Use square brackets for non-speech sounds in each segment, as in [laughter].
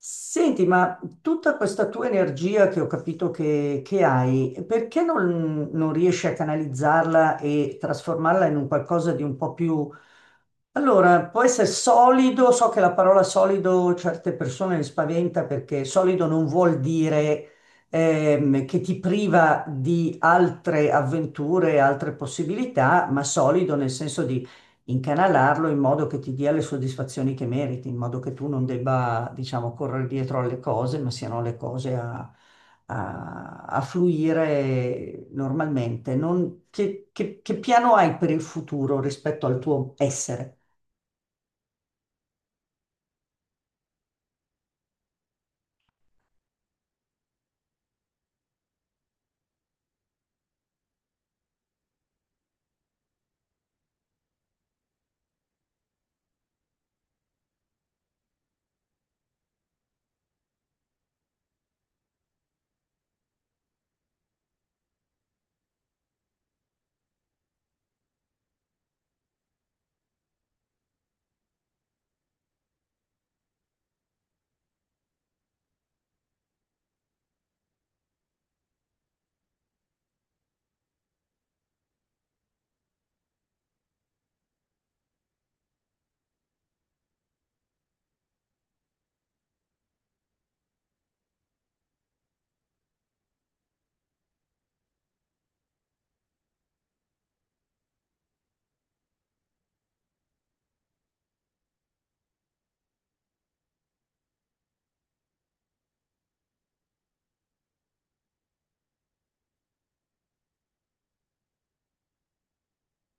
Senti, ma tutta questa tua energia che ho capito che hai, perché non riesci a canalizzarla e trasformarla in un qualcosa di un po' più... Allora, può essere solido, so che la parola solido certe persone le spaventa perché solido non vuol dire che ti priva di altre avventure, altre possibilità, ma solido nel senso incanalarlo in modo che ti dia le soddisfazioni che meriti, in modo che tu non debba, diciamo, correre dietro alle cose, ma siano le cose a, a fluire normalmente. Che, che piano hai per il futuro rispetto al tuo essere?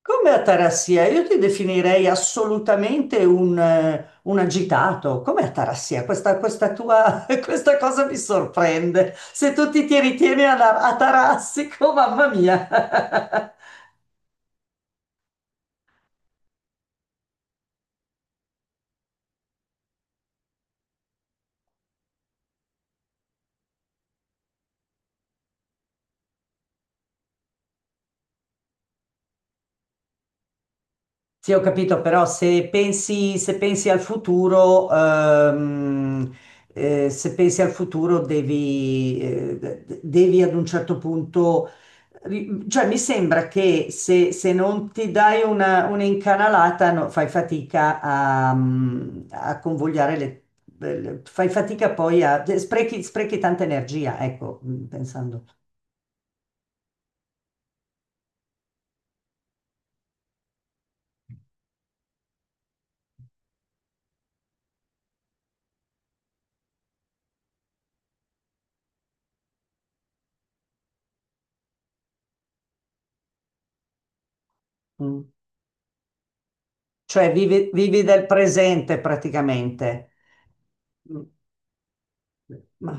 Come Atarassia, io ti definirei assolutamente un agitato. Come Atarassia? Questa tua, [laughs] questa cosa mi sorprende. Se tu ti ritieni atarassico, [laughs] mamma mia. Sì, ho capito, però se pensi al futuro, se pensi al futuro devi, devi ad un certo punto, cioè mi sembra che se non ti dai un'incanalata, no, fai fatica a, a convogliare le, fai fatica poi a, sprechi tanta energia, ecco, pensando. Mm. Cioè vivi del presente praticamente. Mm. Ma...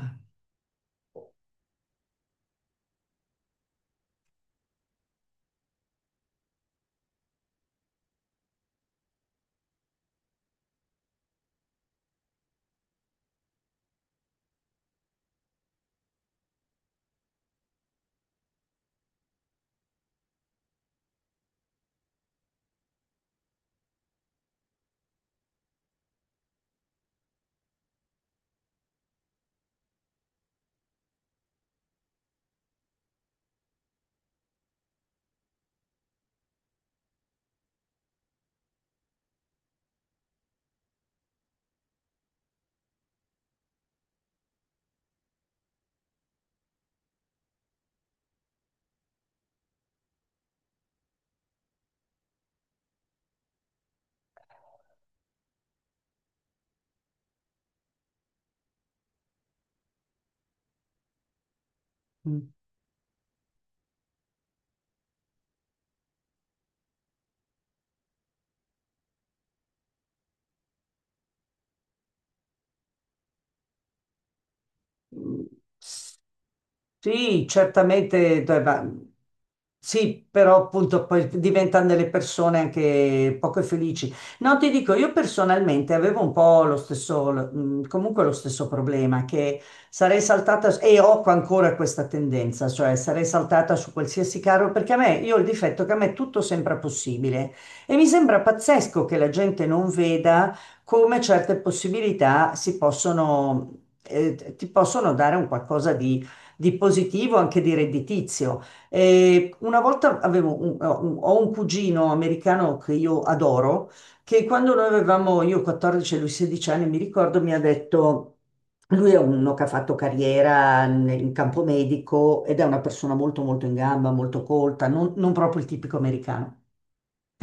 Mm. Sì, certamente, dai, va- sì, però appunto poi diventano delle persone anche poco felici. No, ti dico, io personalmente avevo un po' lo stesso, comunque lo stesso problema, che sarei saltata, e ho ancora questa tendenza, cioè sarei saltata su qualsiasi carro, perché a me, io ho il difetto che a me tutto sembra possibile e mi sembra pazzesco che la gente non veda come certe possibilità si possono, ti possono dare un qualcosa di positivo, anche di redditizio. Una volta ho un cugino americano che io adoro, che quando noi avevamo, io 14 e lui 16 anni, mi ricordo, mi ha detto... Lui è uno che ha fatto carriera in campo medico ed è una persona molto molto in gamba, molto colta, non proprio il tipico americano.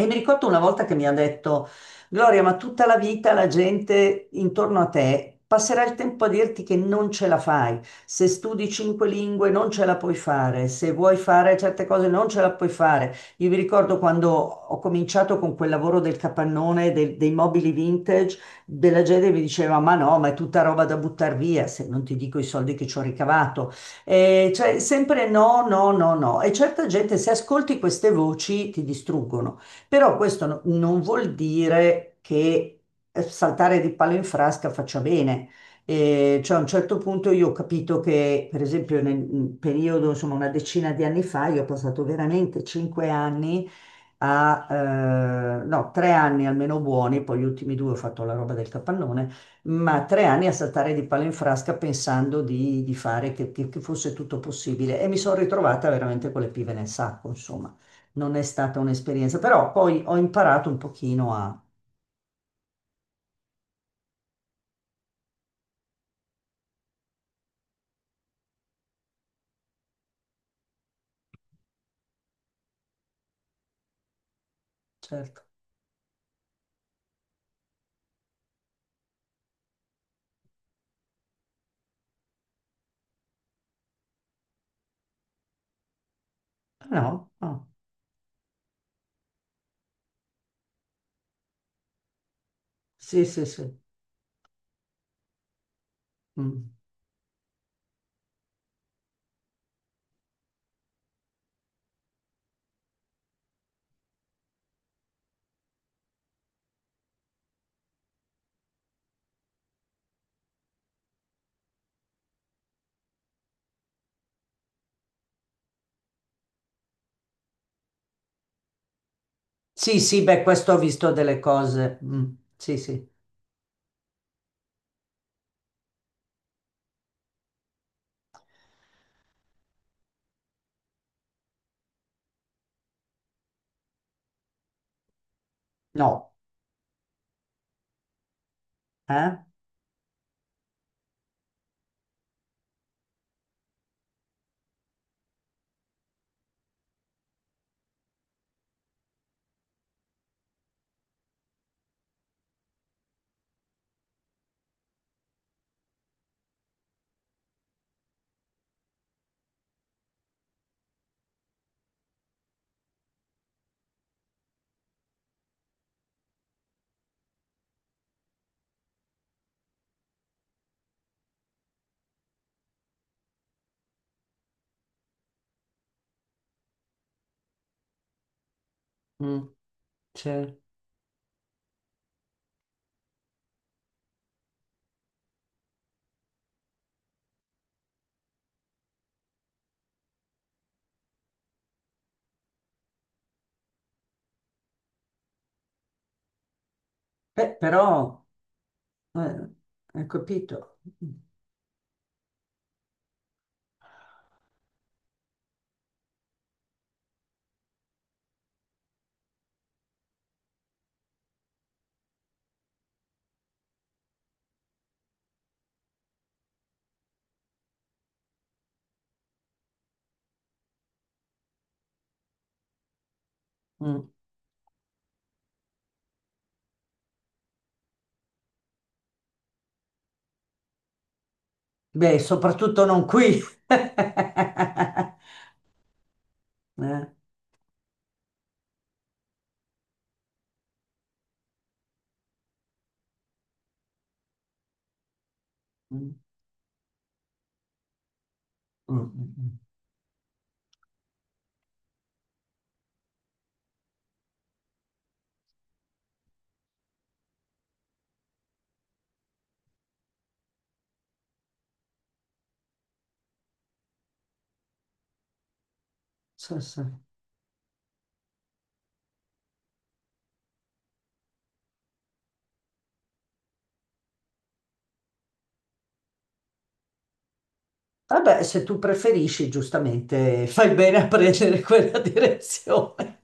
E mi ricordo una volta che mi ha detto, Gloria, ma tutta la vita la gente intorno a te passerà il tempo a dirti che non ce la fai. Se studi cinque lingue non ce la puoi fare, se vuoi fare certe cose non ce la puoi fare. Io mi ricordo quando ho cominciato con quel lavoro del capannone, dei mobili vintage, della gente mi diceva, ma no, ma è tutta roba da buttare via, se non ti dico i soldi che ci ho ricavato. Cioè, sempre no, no, no, no. E certa gente, se ascolti queste voci, ti distruggono. Però questo non vuol dire che saltare di palo in frasca faccia bene. Cioè a un certo punto io ho capito che, per esempio, nel nel periodo, insomma, una decina di anni fa, io ho passato veramente cinque anni a, no, tre anni almeno buoni, poi gli ultimi due ho fatto la roba del capannone, ma tre anni a saltare di palo in frasca pensando di fare che, che fosse tutto possibile e mi sono ritrovata veramente con le pive nel sacco, insomma non è stata un'esperienza, però poi ho imparato un pochino a... Certo, no, no. Ah, sì, sì, sì. Mm. Sì, sì, beh, questo ho visto delle cose. Mm. Sì, sì. No, eh? Mm. C'è- Beh, però, eh, hai capito. Mm. Mm. Beh, soprattutto non qui. [laughs] Eh. Mm. Mm, mm, mm. Sì, sì. Vabbè, se tu preferisci, giustamente, fai bene a prendere quella [laughs] direzione.